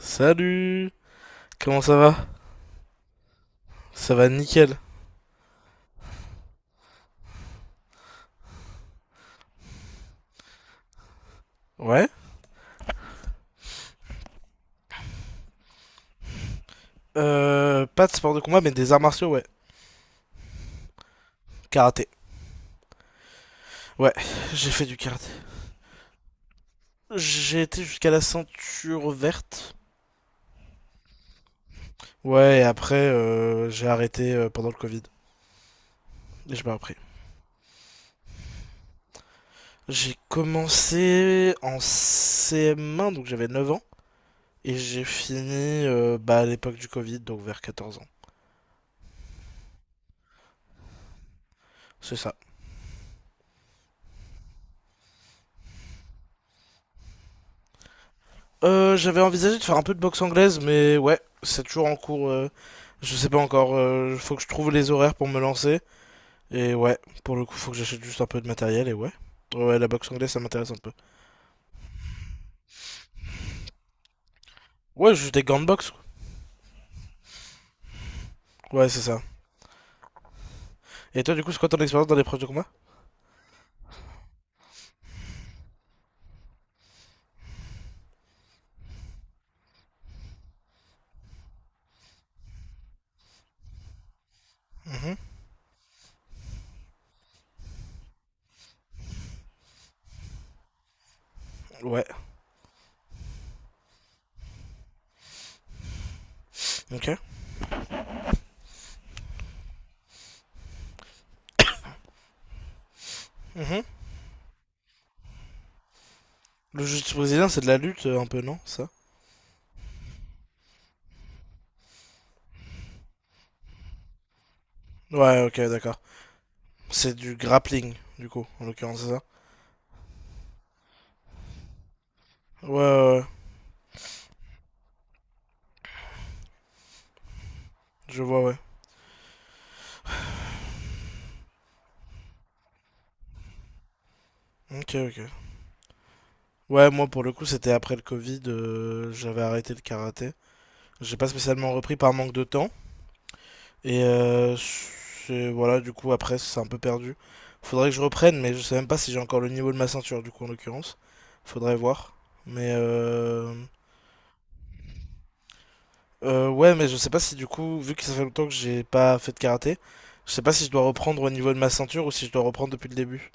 Salut. Comment ça va? Ça va nickel. Ouais. Pas de sport de combat, mais des arts martiaux, ouais. Karaté. Ouais, j'ai fait du karaté. J'ai été jusqu'à la ceinture verte. Ouais, et après, j'ai arrêté pendant le Covid. Et j'ai pas repris. J'ai commencé en CM1, donc j'avais 9 ans. Et j'ai fini bah, à l'époque du Covid, donc vers 14 ans. C'est ça. J'avais envisagé de faire un peu de boxe anglaise, mais ouais, c'est toujours en cours. Je sais pas encore. Faut que je trouve les horaires pour me lancer. Et ouais, pour le coup, faut que j'achète juste un peu de matériel. Et ouais, ouais, la boxe anglaise, ça m'intéresse un peu. Ouais, juste des gants de boxe. Ouais, c'est ça. Et toi, du coup, c'est quoi ton expérience dans les proches de combat? Mhm. Ouais. Ok. Mhm. Le jiu-jitsu brésilien, c'est de la lutte un peu, non? Ça? Ouais, ok, d'accord. C'est du grappling, du coup, en l'occurrence, c'est ça? Ouais, ouais, ouais. Je vois, ouais. Ok, ok. Ouais, moi pour le coup, c'était après le Covid, j'avais arrêté le karaté. J'ai pas spécialement repris par manque de temps. Et voilà, du coup, après, c'est un peu perdu. Faudrait que je reprenne, mais je sais même pas si j'ai encore le niveau de ma ceinture, du coup, en l'occurrence. Faudrait voir. Mais euh... ouais, mais je sais pas si du coup, vu que ça fait longtemps que j'ai pas fait de karaté, je sais pas si je dois reprendre au niveau de ma ceinture ou si je dois reprendre depuis le début.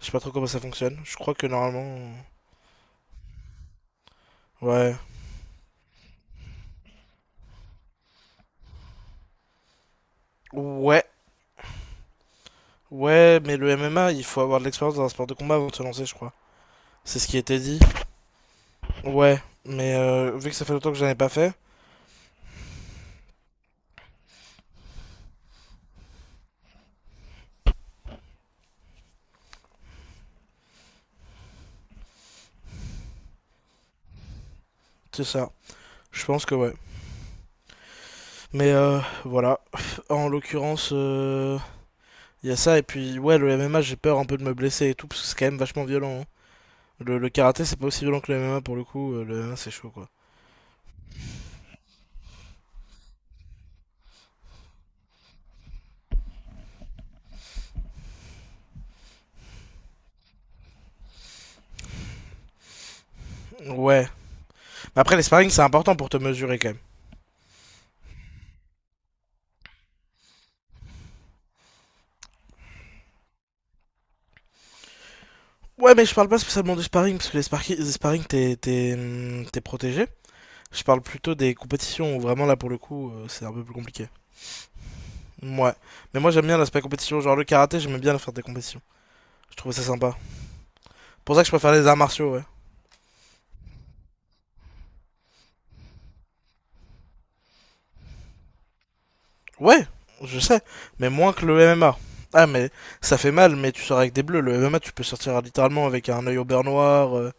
Je sais pas trop comment ça fonctionne. Je crois que normalement. Ouais. Ouais, ouais, mais le MMA, il faut avoir de l'expérience dans un sport de combat avant de se lancer, je crois. C'est ce qui était dit. Ouais, mais vu que ça fait longtemps que j'en ai pas fait, c'est ça. Je pense que ouais. Mais voilà. En l'occurrence, il y a ça. Et puis, ouais, le MMA, j'ai peur un peu de me blesser et tout, parce que c'est quand même vachement violent, hein. Le karaté, c'est pas aussi violent que le MMA pour le coup. Le MMA, c'est chaud, quoi. Ouais. Mais après, les sparring, c'est important pour te mesurer quand même. Ouais, mais je parle pas spécialement du sparring, parce que les sparring, t'es protégé. Je parle plutôt des compétitions où vraiment là pour le coup c'est un peu plus compliqué. Ouais. Mais moi j'aime bien l'aspect compétition, genre le karaté j'aimais bien faire des compétitions. Je trouvais ça sympa. Pour ça que je préfère les arts martiaux, ouais. Ouais, je sais, mais moins que le MMA. Ah mais ça fait mal, mais tu sors avec des bleus. Le MMA tu peux sortir littéralement avec un œil au beurre noir.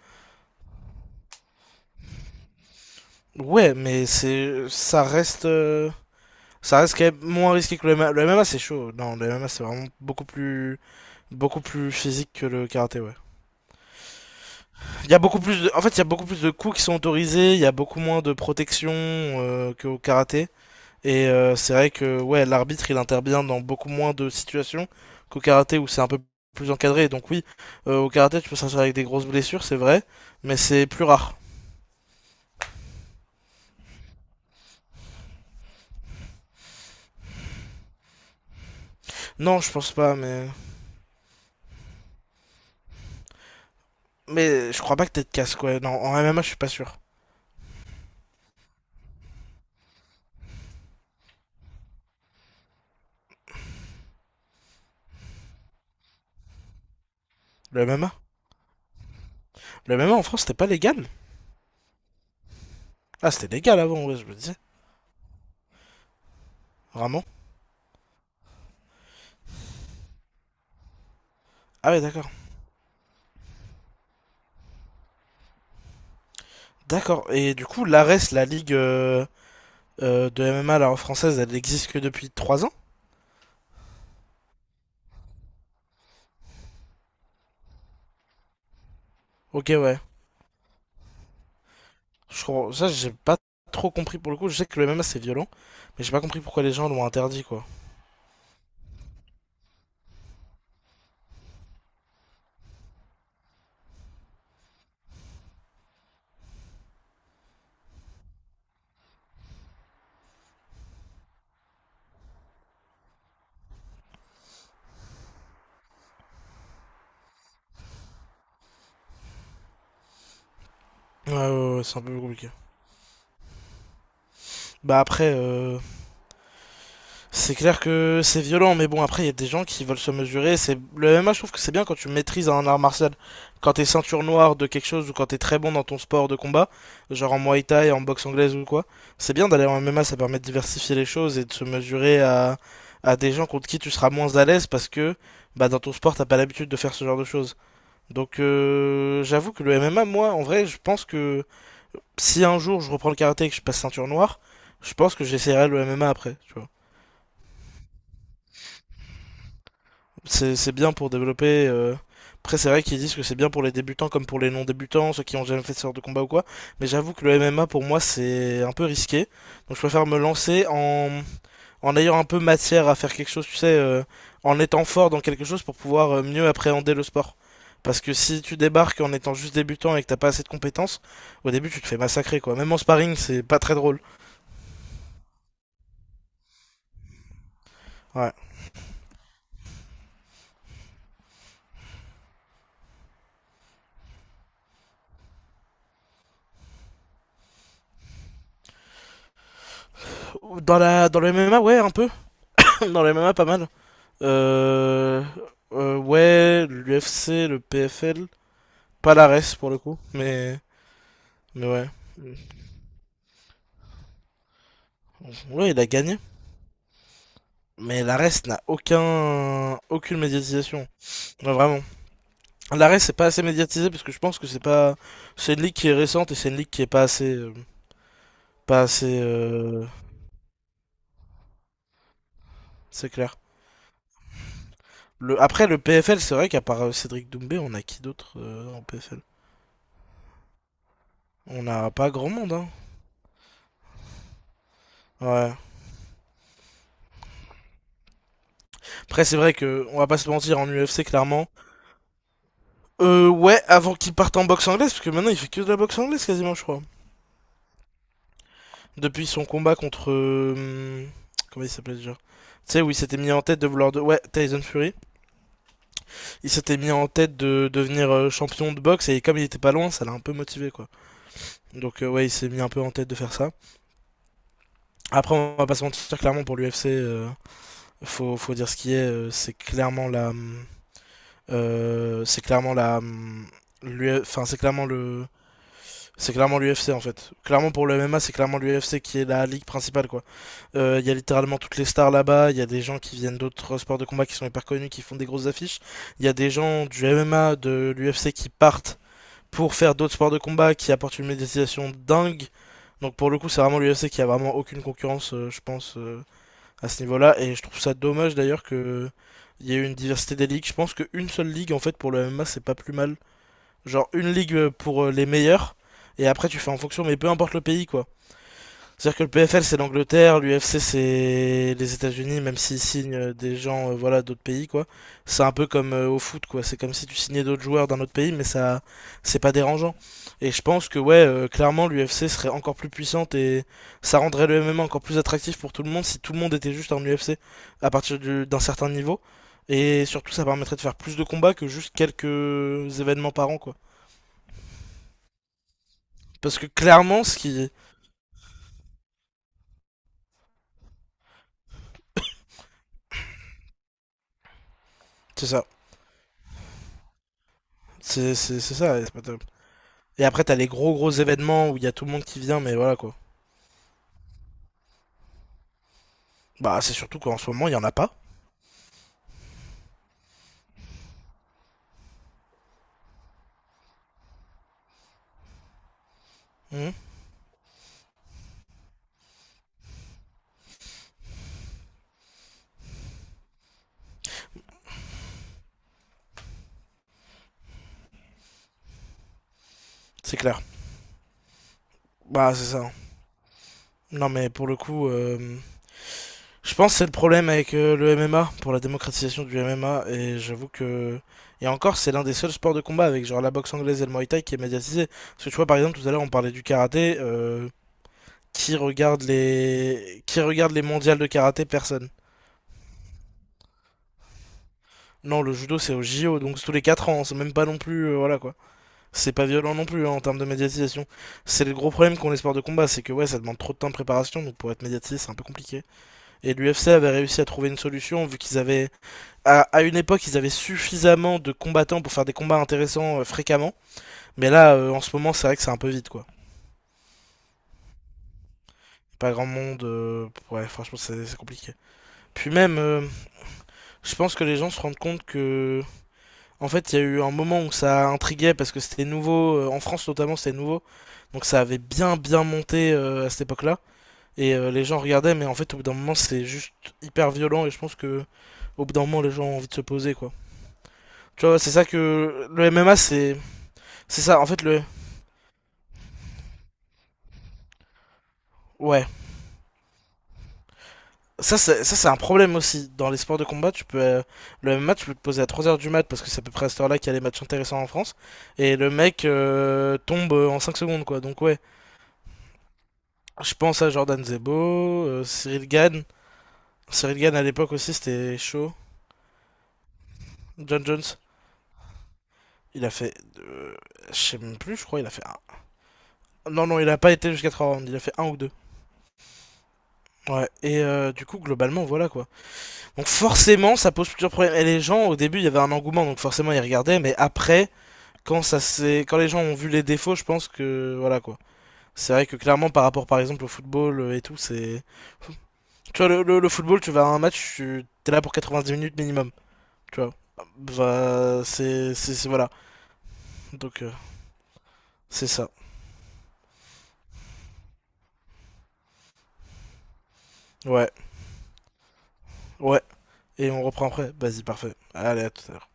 Ouais, mais c'est ça reste quand même moins risqué que le MMA. Le MMA c'est chaud. Non, le MMA c'est vraiment beaucoup plus physique que le karaté, ouais. Il y a beaucoup plus de... En fait, il y a beaucoup plus de coups qui sont autorisés, il y a beaucoup moins de protection qu'au karaté. Et c'est vrai que ouais, l'arbitre, il intervient dans beaucoup moins de situations qu'au karaté où c'est un peu plus encadré. Donc oui, au karaté, tu peux sortir avec des grosses blessures, c'est vrai, mais c'est plus rare. Non, je pense pas, mais... Mais je crois pas que t'aies de casque, quoi. Non, en MMA, je suis pas sûr. Le MMA. En France, c'était pas légal. Ah, c'était légal avant, ouais, je me disais. Vraiment? Ah ouais, d'accord. D'accord. Et du coup, l'ARES, la ligue... de MMA, la française, elle existe que depuis 3 ans. Ok, ouais. Je crois... Ça, j'ai pas trop compris pour le coup. Je sais que le MMA, c'est violent, mais j'ai pas compris pourquoi les gens l'ont interdit, quoi. Ouais, ouais, ouais, c'est un peu compliqué. Bah après, c'est clair que c'est violent, mais bon, après, il y a des gens qui veulent se mesurer. C'est Le MMA, je trouve que c'est bien quand tu maîtrises un art martial. Quand t'es ceinture noire de quelque chose ou quand t'es très bon dans ton sport de combat, genre en Muay Thai, en boxe anglaise ou quoi, c'est bien d'aller en MMA, ça permet de diversifier les choses et de se mesurer à, des gens contre qui tu seras moins à l'aise parce que bah, dans ton sport, t'as pas l'habitude de faire ce genre de choses. Donc, j'avoue que le MMA, moi, en vrai, je pense que si un jour je reprends le karaté et que je passe ceinture noire, je pense que j'essaierai le MMA après, tu vois. C'est bien pour développer. Après, c'est vrai qu'ils disent que c'est bien pour les débutants comme pour les non-débutants, ceux qui ont jamais fait de sport de combat ou quoi. Mais j'avoue que le MMA pour moi c'est un peu risqué. Donc je préfère me lancer en, ayant un peu matière à faire quelque chose, tu sais, en étant fort dans quelque chose pour pouvoir mieux appréhender le sport. Parce que si tu débarques en étant juste débutant et que t'as pas assez de compétences, au début tu te fais massacrer quoi. Même en sparring, c'est pas très drôle. Ouais. Dans le MMA, ouais, un peu. Dans le MMA, pas mal. Euh, ouais, l'UFC, le PFL, pas la reste pour le coup, mais ouais. Ouais, il a gagné. Mais la reste n'a aucun aucune médiatisation. Ouais, vraiment. La reste c'est pas assez médiatisé parce que je pense que c'est pas c'est une ligue qui est récente et c'est une ligue qui est pas assez, c'est clair. Le après le PFL, c'est vrai qu'à part Cédric Doumbé, on a qui d'autre en PFL? On n'a pas grand monde, hein. Ouais. Après c'est vrai que on va pas se mentir en UFC clairement. Ouais, avant qu'il parte en boxe anglaise, parce que maintenant il fait que de la boxe anglaise quasiment, je crois. Depuis son combat contre, comment il s'appelait déjà? Tu sais, où il s'était mis en tête de vouloir. De... Ouais, Tyson Fury. Il s'était mis en tête de devenir champion de boxe, et comme il était pas loin, ça l'a un peu motivé, quoi. Donc, ouais, il s'est mis un peu en tête de faire ça. Après, on va pas se mentir, clairement, pour l'UFC, faut dire ce qui est, c'est clairement la. Enfin, c'est clairement le C'est clairement l'UFC en fait. Clairement pour le MMA, c'est clairement l'UFC qui est la ligue principale, quoi. Il y a littéralement toutes les stars là-bas, il y a des gens qui viennent d'autres sports de combat qui sont hyper connus, qui font des grosses affiches. Il y a des gens du MMA, de l'UFC qui partent pour faire d'autres sports de combat qui apportent une médiatisation dingue. Donc pour le coup, c'est vraiment l'UFC qui a vraiment aucune concurrence, je pense, à ce niveau-là. Et je trouve ça dommage d'ailleurs que il y ait une diversité des ligues. Je pense qu'une seule ligue en fait pour le MMA, c'est pas plus mal. Genre une ligue pour les meilleurs. Et après, tu fais en fonction, mais peu importe le pays, quoi. C'est-à-dire que le PFL, c'est l'Angleterre, l'UFC, c'est les États-Unis, même s'ils signent des gens, voilà, d'autres pays, quoi. C'est un peu comme au foot, quoi. C'est comme si tu signais d'autres joueurs d'un autre pays, mais ça, c'est pas dérangeant. Et je pense que, ouais, clairement, l'UFC serait encore plus puissante et ça rendrait le MMA encore plus attractif pour tout le monde si tout le monde était juste en UFC à partir d'un certain niveau. Et surtout, ça permettrait de faire plus de combats que juste quelques événements par an, quoi. Parce que clairement, ce qui. C'est ça. Ça, et c'est pas top. Et après, t'as les gros gros événements où il y a tout le monde qui vient, mais voilà quoi. Bah, c'est surtout qu'en ce moment, il y en a pas. Mhm. C'est clair. Bah, c'est ça. Non, mais pour le coup, je pense que c'est le problème avec le MMA, pour la démocratisation du MMA, et j'avoue que. Et encore, c'est l'un des seuls sports de combat avec genre la boxe anglaise et le Muay Thai qui est médiatisé. Parce que tu vois, par exemple, tout à l'heure, on parlait du karaté. Qui regarde les mondiales de karaté? Personne. Non, le judo c'est au JO, donc c'est tous les 4 ans, c'est même pas non plus, voilà quoi. C'est pas violent non plus, hein, en termes de médiatisation. C'est le gros problème qu'ont les sports de combat, c'est que ouais, ça demande trop de temps de préparation, donc pour être médiatisé c'est un peu compliqué. Et l'UFC avait réussi à trouver une solution, vu qu'ils avaient, à, une époque, ils avaient suffisamment de combattants pour faire des combats intéressants fréquemment, mais là en ce moment c'est vrai que c'est un peu vite, quoi. Pas grand monde, ouais, franchement c'est compliqué. Puis même, je pense que les gens se rendent compte que en fait, il y a eu un moment où ça intriguait parce que c'était nouveau, en France notamment, c'était nouveau. Donc ça avait bien bien monté à cette époque-là et les gens regardaient mais en fait au bout d'un moment c'est juste hyper violent et je pense que au bout d'un moment les gens ont envie de se poser, quoi. Tu vois, c'est ça que le MMA c'est ça en fait, le ouais. Ça c'est un problème aussi dans les sports de combat, tu peux le MMA tu peux te poser à 3 heures du mat parce que c'est à peu près à cette heure-là qu'il y a les matchs intéressants en France et le mec tombe en 5 secondes, quoi. Donc ouais, je pense à Jordan Zebo, Cyril Gann. Cyril Gann à l'époque aussi c'était chaud. John Jones, il a fait, je sais même plus, je crois, il a fait un. Non, non, il a pas été jusqu'à 3 rounds, il a fait un ou deux. Ouais, et du coup, globalement, voilà quoi. Donc forcément, ça pose plusieurs problèmes. Et les gens, au début, il y avait un engouement, donc forcément, ils regardaient, mais après, quand les gens ont vu les défauts, je pense que, voilà quoi. C'est vrai que clairement, par rapport par exemple au football et tout, c'est. Tu vois, le football, tu vas à un match, tu t'es là pour 90 minutes minimum. Tu vois. Bah, voilà. Donc, c'est ça. Ouais, ouais. Et on reprend après. Vas-y, parfait. Allez, à tout à l'heure.